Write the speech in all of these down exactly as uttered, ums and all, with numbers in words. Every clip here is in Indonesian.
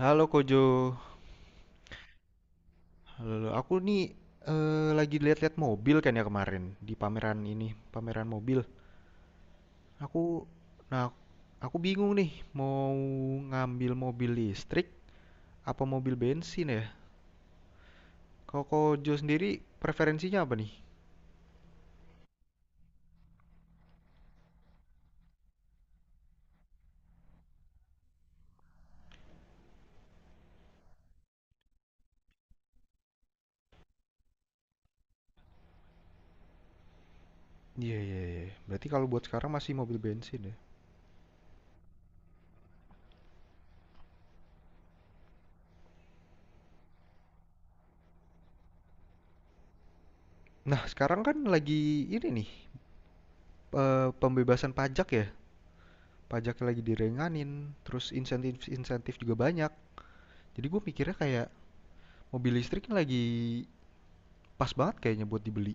Halo Kojo, halo, halo. Aku nih eh, lagi lihat-lihat mobil kan ya kemarin di pameran ini, pameran mobil. Aku, nah, aku bingung nih mau ngambil mobil listrik apa mobil bensin ya. Kalau Kojo sendiri preferensinya apa nih? Iya iya iya. Berarti kalau buat sekarang masih mobil bensin ya. Nah sekarang kan lagi ini nih eh, pembebasan pajak ya. Pajaknya lagi direnganin, terus insentif-insentif juga banyak. Jadi gue mikirnya kayak mobil listrik ini lagi pas banget kayaknya buat dibeli.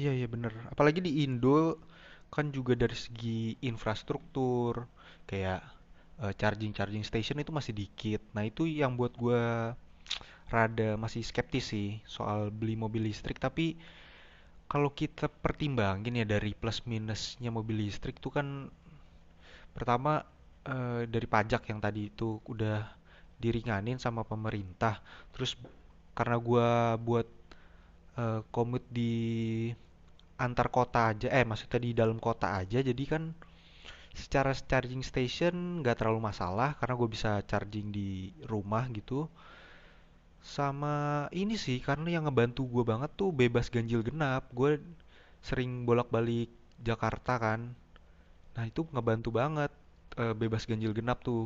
Iya, iya bener. Apalagi di Indo kan juga dari segi infrastruktur, kayak eh, charging-charging station itu masih dikit. Nah, itu yang buat gua rada masih skeptis sih soal beli mobil listrik. Tapi kalau kita pertimbangin ya dari plus minusnya mobil listrik tuh kan pertama eh, dari pajak yang tadi itu udah diringanin sama pemerintah. Terus karena gua buat eh, komut di antar kota aja eh maksudnya di dalam kota aja jadi kan secara charging station nggak terlalu masalah karena gue bisa charging di rumah gitu sama ini sih karena yang ngebantu gue banget tuh bebas ganjil genap gue sering bolak-balik Jakarta kan nah itu ngebantu banget. Eh, bebas ganjil genap tuh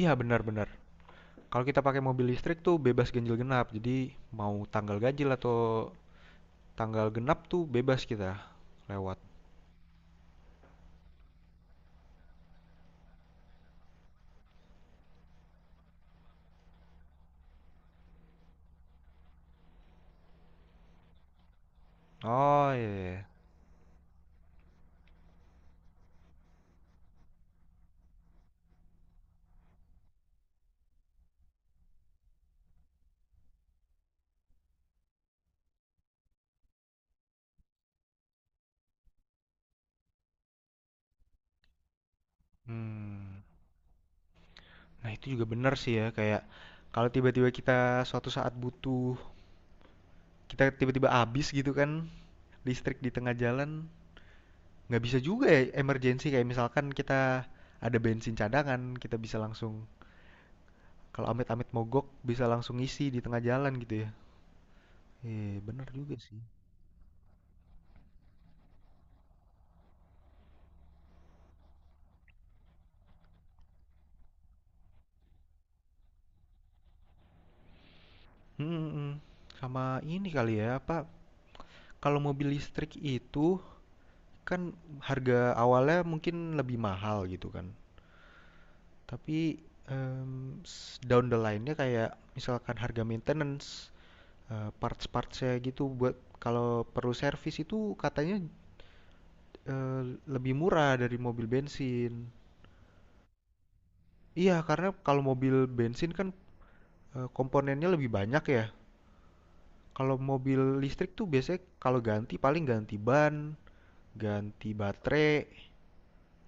iya benar-benar kalau kita pakai mobil listrik tuh bebas ganjil genap jadi mau tanggal ganjil atau tanggal genap tuh bebas kita lewat. Oh iya iya, iya. Hmm, nah itu juga benar sih ya, kayak kalau tiba-tiba kita suatu saat butuh, kita tiba-tiba habis gitu kan, listrik di tengah jalan, nggak bisa juga ya emergency kayak misalkan kita ada bensin cadangan, kita bisa langsung kalau amit-amit mogok bisa langsung isi di tengah jalan gitu ya. Eh, benar juga sih. Hmm, hmm, hmm. Sama ini kali ya, apa kalau mobil listrik itu kan harga awalnya mungkin lebih mahal gitu kan. Tapi, mmm, down the line-nya kayak misalkan harga maintenance, eee, parts-parts-nya gitu buat kalau perlu servis itu katanya, eee, lebih murah dari mobil bensin. Iya, karena kalau mobil bensin kan, eee, komponennya lebih banyak ya. Kalau mobil listrik tuh biasanya kalau ganti paling ganti ban, ganti baterai.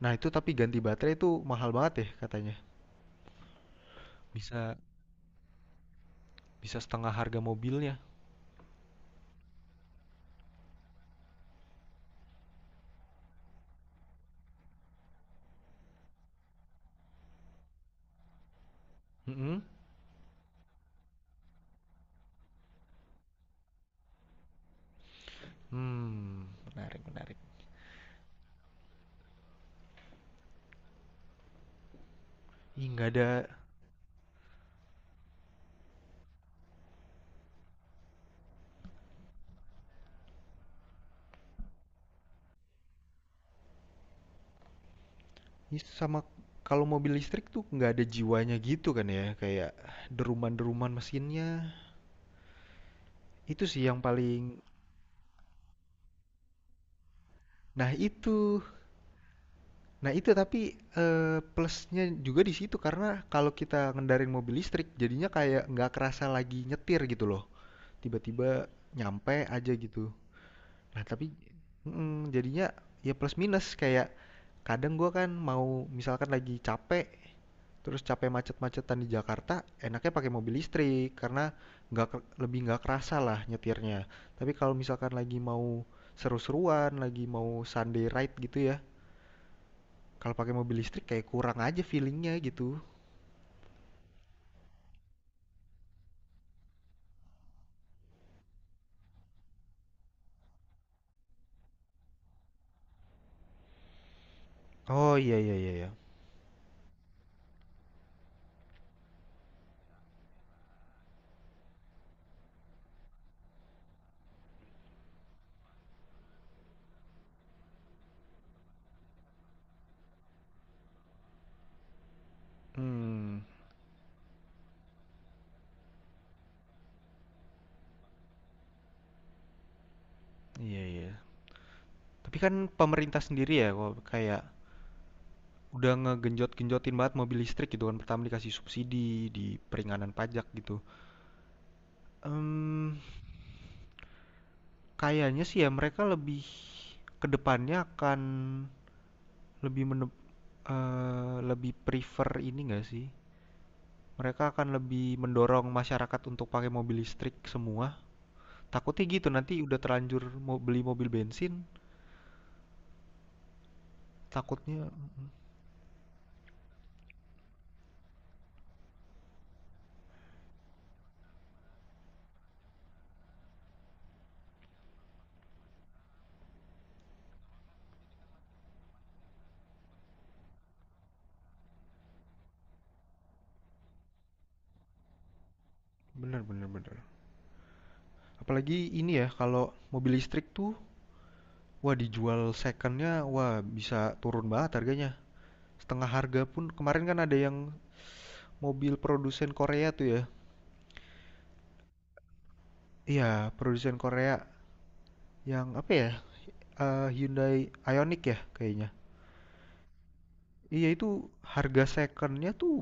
Nah, itu tapi ganti baterai itu mahal banget ya katanya, bisa bisa setengah harga mobilnya. Mhm. Mmm, menarik menarik. Ih, nggak ada ini sama kalau mobil listrik tuh nggak ada jiwanya gitu kan ya kayak deruman-deruman mesinnya itu sih yang paling nah itu nah itu tapi eh, plusnya juga di situ karena kalau kita ngendarin mobil listrik jadinya kayak nggak kerasa lagi nyetir gitu loh tiba-tiba nyampe aja gitu nah tapi mm, jadinya ya plus minus kayak kadang gua kan mau misalkan lagi capek. Terus capek macet-macetan di Jakarta, enaknya pakai mobil listrik karena nggak lebih nggak kerasa lah nyetirnya. Tapi kalau misalkan lagi mau seru-seruan, lagi mau Sunday ride gitu ya, kalau pakai mobil listrik kayak kurang aja feelingnya gitu. Oh iya iya iya iya. Hmm, iya iya. Tapi kan pemerintah sendiri ya kok kayak udah ngegenjot-genjotin banget mobil listrik gitu kan pertama dikasih subsidi di peringanan pajak gitu. Em, kayaknya sih ya mereka lebih ke depannya akan lebih menep- eh, lebih prefer ini enggak sih? Mereka akan lebih mendorong masyarakat untuk pakai mobil listrik semua. Takutnya gitu nanti udah terlanjur mau beli mobil bensin, takutnya mm, bener bener bener. Apalagi ini ya kalau mobil listrik tuh wah dijual secondnya wah bisa turun banget harganya. Setengah harga pun kemarin kan ada yang mobil produsen Korea tuh ya. Iya, produsen Korea yang apa ya. Eee, Hyundai Ioniq ya kayaknya? Iya itu harga secondnya tuh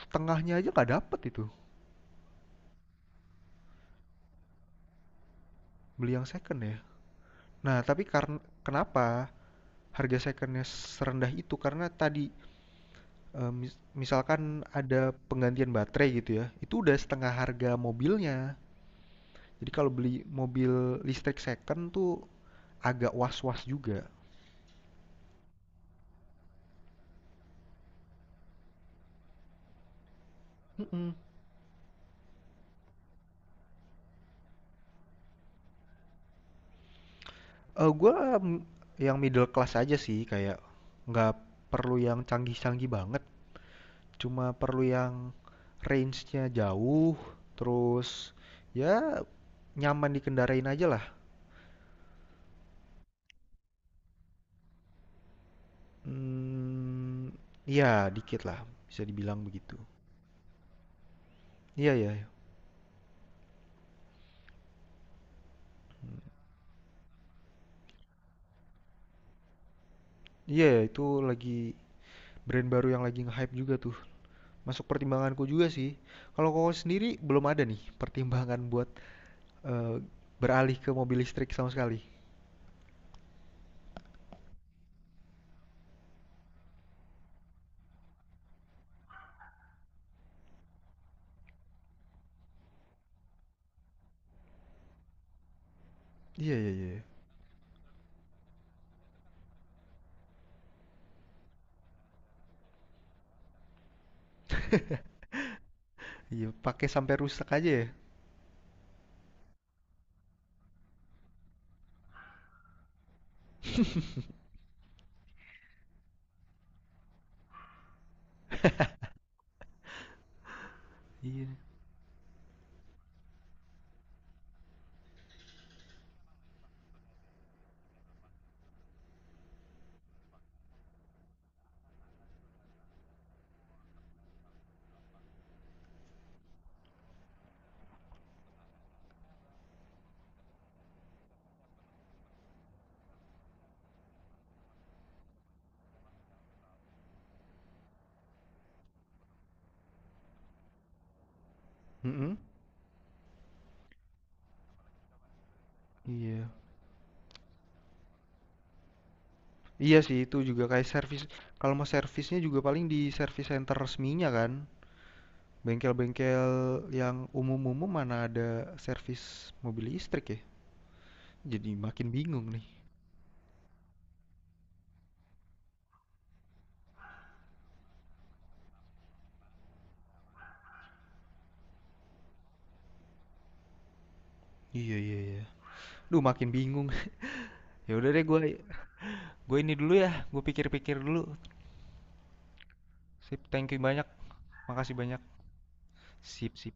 setengahnya aja nggak dapet itu, beli yang second ya. Nah tapi karena kenapa harga secondnya serendah itu, karena tadi, eee, mis misalkan ada penggantian baterai gitu ya, itu udah setengah harga mobilnya. Jadi kalau beli mobil listrik second tuh agak was-was juga. Mhm, eee, gua, mmm, yang middle class aja sih kayak nggak perlu yang canggih-canggih banget. Cuma perlu yang range-nya jauh, terus ya nyaman dikendarain aja lah. Hmm, ya dikit lah, bisa dibilang begitu. Iya ya, iya ya, itu lagi brand baru yang lagi nge-hype juga tuh. Masuk pertimbanganku juga sih. Kalau kau sendiri belum ada nih pertimbangan buat eh, beralih ke mobil listrik sama sekali. Iya iya iya. Iya, pakai sampai rusak aja ya. Iya. Mm-mm. Iya. Iya sih itu juga kayak servis kalau mau servisnya juga paling di service center resminya kan. Bengkel-bengkel yang umum-umum mana ada servis mobil listrik ya? Jadi makin bingung nih. Iya iya iya. Duh makin bingung. Ya udah deh gue gue ini dulu ya. Gue pikir-pikir dulu. Sip, thank you banyak. Makasih banyak. Sip sip.